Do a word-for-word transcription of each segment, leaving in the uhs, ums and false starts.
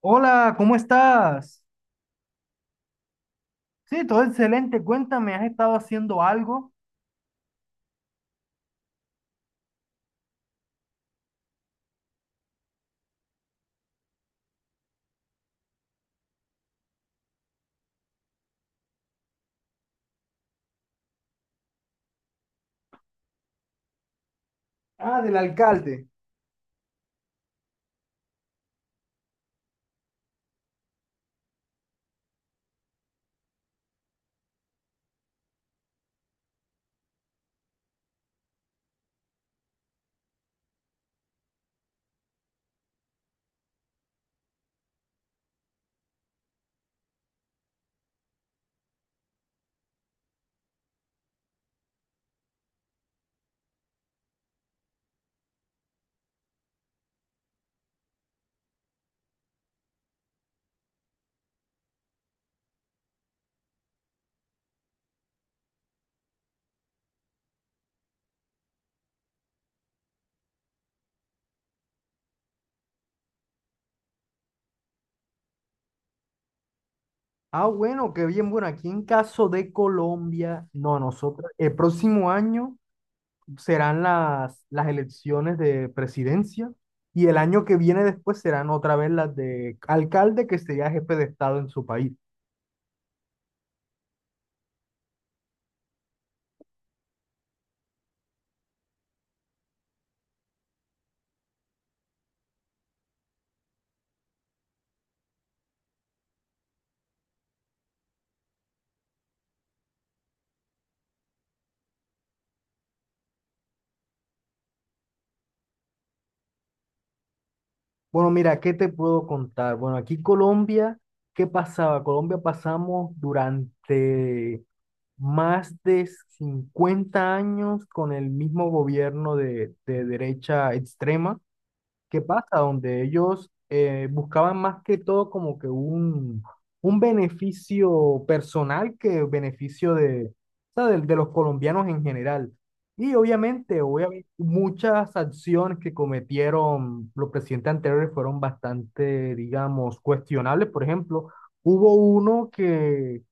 Hola, ¿cómo estás? Sí, todo excelente. Cuéntame, ¿has estado haciendo algo? Ah, del alcalde. Ah, bueno, qué bien. Bueno, aquí en caso de Colombia, no, nosotros, el próximo año serán las, las elecciones de presidencia y el año que viene después serán otra vez las de alcalde, que sería jefe de Estado en su país. Bueno, mira, ¿qué te puedo contar? Bueno, aquí Colombia, ¿qué pasaba? Colombia pasamos durante más de cincuenta años con el mismo gobierno de, de derecha extrema. ¿Qué pasa? Donde ellos eh, buscaban más que todo como que un, un beneficio personal que beneficio de, o sea, de, de los colombianos en general. Y obviamente, obviamente, muchas acciones que cometieron los presidentes anteriores fueron bastante, digamos, cuestionables. Por ejemplo, hubo uno que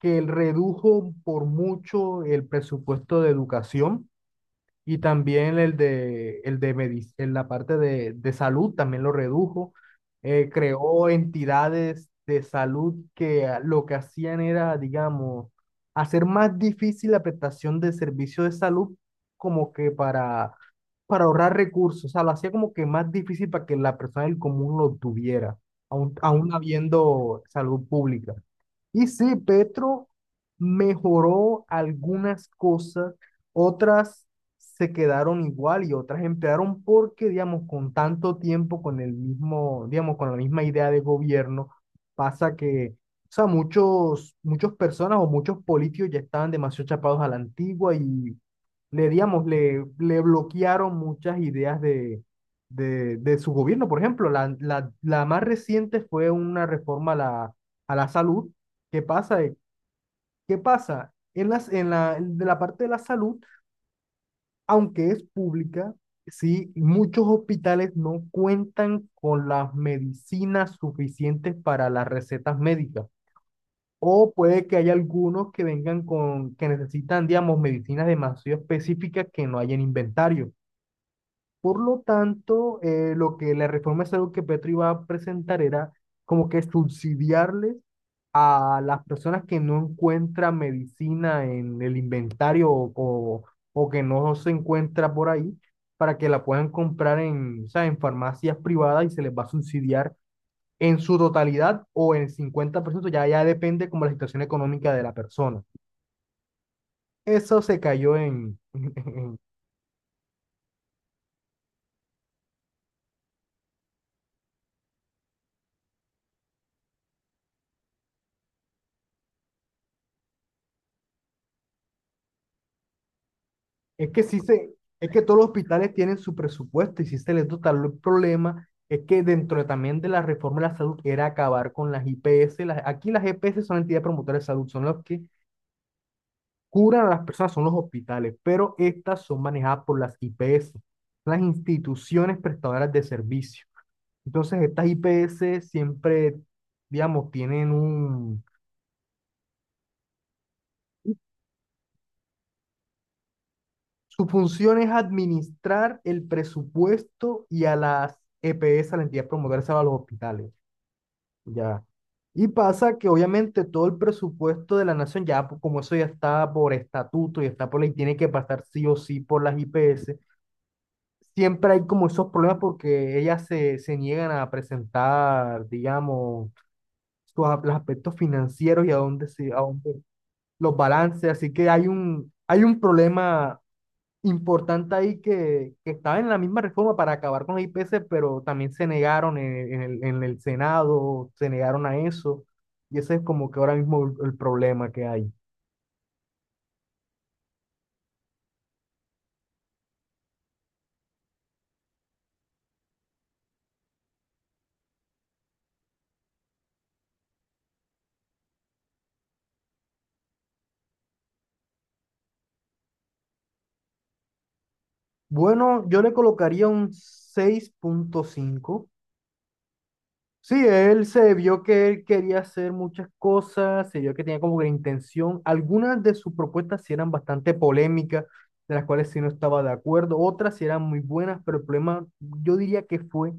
que él redujo por mucho el presupuesto de educación y también el de, el de medic- en la parte de, de salud también lo redujo. Eh, creó entidades de salud que a- lo que hacían era, digamos, hacer más difícil la prestación de servicios de salud como que para, para ahorrar recursos. O sea, lo hacía como que más difícil para que la persona del común lo tuviera, aún, aún habiendo salud pública. Y sí, Petro mejoró algunas cosas, otras se quedaron igual y otras empeoraron porque, digamos, con tanto tiempo, con el mismo, digamos, con la misma idea de gobierno, pasa que, o sea, muchos, muchas personas o muchos políticos ya estaban demasiado chapados a la antigua y le, digamos, le, le bloquearon muchas ideas de, de, de su gobierno. Por ejemplo, la, la, la más reciente fue una reforma a la, a la salud. ¿Qué pasa? ¿Qué pasa? En las, en la, De la parte de la salud, aunque es pública, sí, muchos hospitales no cuentan con las medicinas suficientes para las recetas médicas. O puede que haya algunos que vengan con, que necesitan, digamos, medicinas demasiado específicas que no hay en inventario. Por lo tanto, eh, lo que la reforma es algo que Petro iba a presentar era como que subsidiarles a las personas que no encuentran medicina en el inventario o, o, o que no se encuentra por ahí, para que la puedan comprar en, o sea, en farmacias privadas y se les va a subsidiar en su totalidad o en el cincuenta por ciento ya, ya depende como la situación económica de la persona. Eso se cayó en, Es que sí se, es que todos los hospitales tienen su presupuesto y sí se les dota. El problema es que dentro de- también de la reforma de la salud era acabar con las I P S. Las- aquí las E P S son entidades promotoras de salud, son los que curan a las personas, son los hospitales, pero estas son manejadas por las I P S, las instituciones prestadoras de servicio. Entonces, estas I P S siempre, digamos, tienen un, su función es administrar el presupuesto y a las E P S, a la entidad promotora de salud, a los hospitales. Ya. Y pasa que obviamente todo el presupuesto de la nación, ya po- como eso ya está por estatuto y está por ley, tiene que pasar sí o sí por las I P S. Siempre hay como esos problemas porque ellas se, se niegan a presentar, digamos, sus, a- los aspectos financieros y a dónde se, a dónde los balances. Así que hay un, hay un problema importante ahí que, que estaba en la misma reforma para acabar con la I P C, pero también se negaron en, en el, en el Senado, se negaron a eso, y ese es como que ahora mismo el, el problema que hay. Bueno, yo le colocaría un seis punto cinco. Sí, él se vio que él quería hacer muchas cosas, se vio que tenía como que intención. Algunas de sus propuestas sí eran bastante polémicas, de las cuales sí no estaba de acuerdo, otras sí eran muy buenas, pero el problema yo diría que fue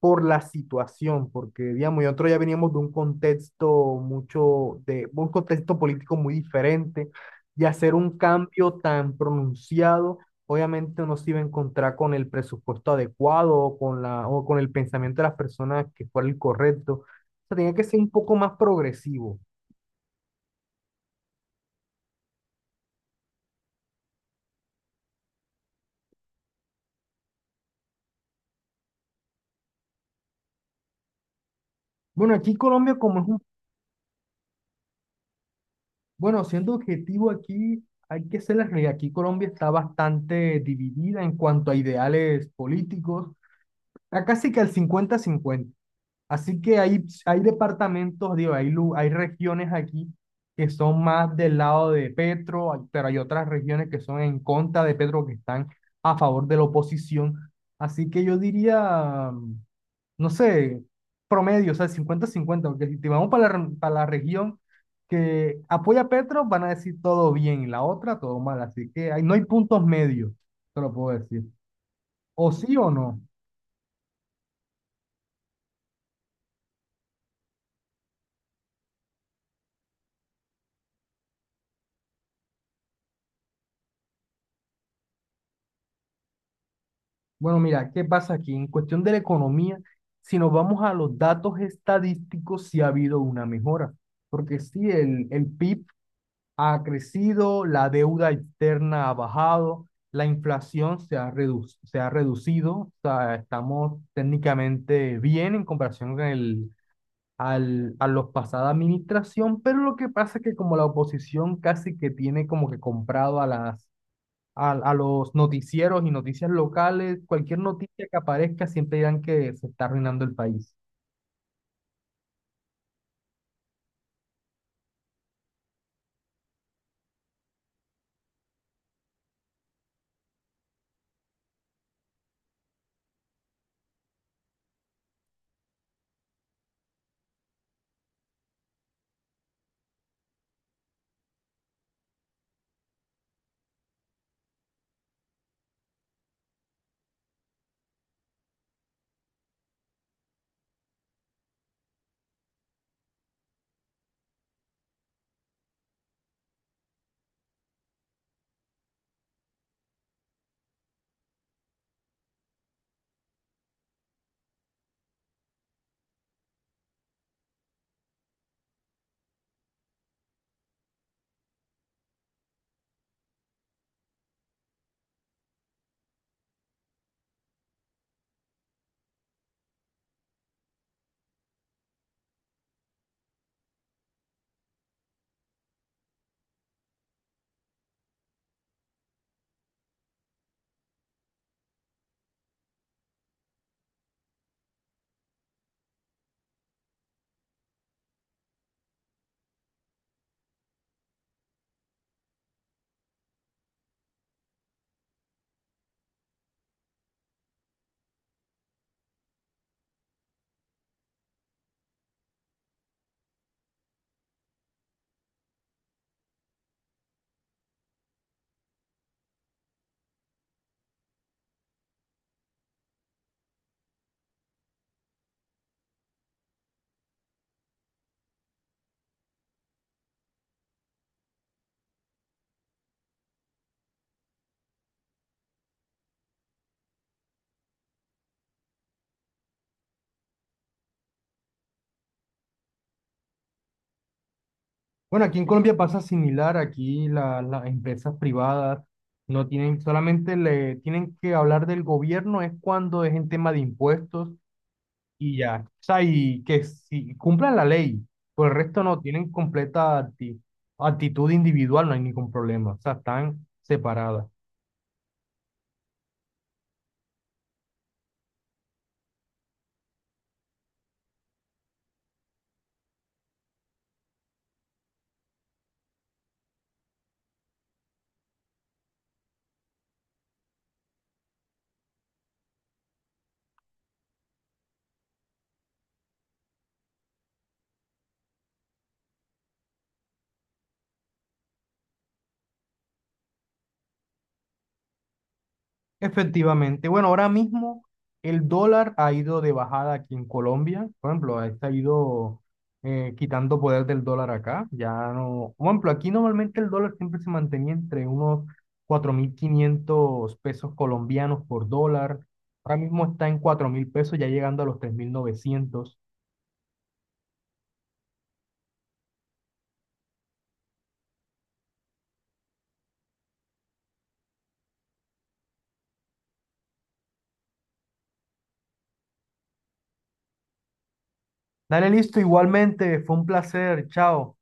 por la situación, porque digamos, nosotros ya veníamos de un contexto mucho, de un contexto político muy diferente, y hacer un cambio tan pronunciado, obviamente no se iba a encontrar con el presupuesto adecuado o con la, o con el pensamiento de las personas que fuera el correcto. O sea, tenía que ser un poco más progresivo. Bueno, aquí Colombia, como es un, bueno, siendo objetivo aquí, hay que ser la realidad. Aquí Colombia está bastante dividida en cuanto a ideales políticos, acá sí que al cincuenta-cincuenta. Así que hay, hay departamentos, digo, hay, lu- hay regiones aquí que son más del lado de Petro, hay- pero hay otras regiones que son en contra de Petro, que están a favor de la oposición. Así que yo diría, no sé, promedio, o sea, cincuenta-cincuenta, porque si te vamos para la, re- para la región que apoya a Petro, van a decir todo bien, y la otra todo mal. Así que hay- no hay puntos medios, te lo puedo decir. O sí o no. Bueno, mira, ¿qué pasa aquí? En cuestión de la economía, si nos vamos a los datos estadísticos, sí ha habido una mejora, porque sí, el, el P I B ha crecido, la deuda externa ha bajado, la inflación se ha redu- se ha reducido, o sea, estamos técnicamente bien en comparación con el, al, a los pasada administración, pero lo que pasa es que como la oposición casi que tiene como que comprado a las a, a los noticieros y noticias locales, cualquier noticia que aparezca siempre dirán que se está arruinando el país. Bueno, aquí en Colombia pasa similar, aquí la- las empresas privadas no tienen, solamente le tienen que hablar del gobierno, es cuando es en tema de impuestos y ya. O sea, y que si cumplan la ley, por el resto no, tienen completa acti- actitud individual, no hay ningún problema, o sea, están separadas. Efectivamente. Bueno, ahora mismo el dólar ha ido de bajada aquí en Colombia. Por ejemplo, este ha ido eh, quitando poder del dólar acá. Ya no. Por ejemplo, aquí normalmente el dólar siempre se mantenía entre unos cuatro mil quinientos pesos colombianos por dólar. Ahora mismo está en cuatro mil pesos, ya llegando a los tres mil novecientos. Dale listo, igualmente. Fue un placer. Chao.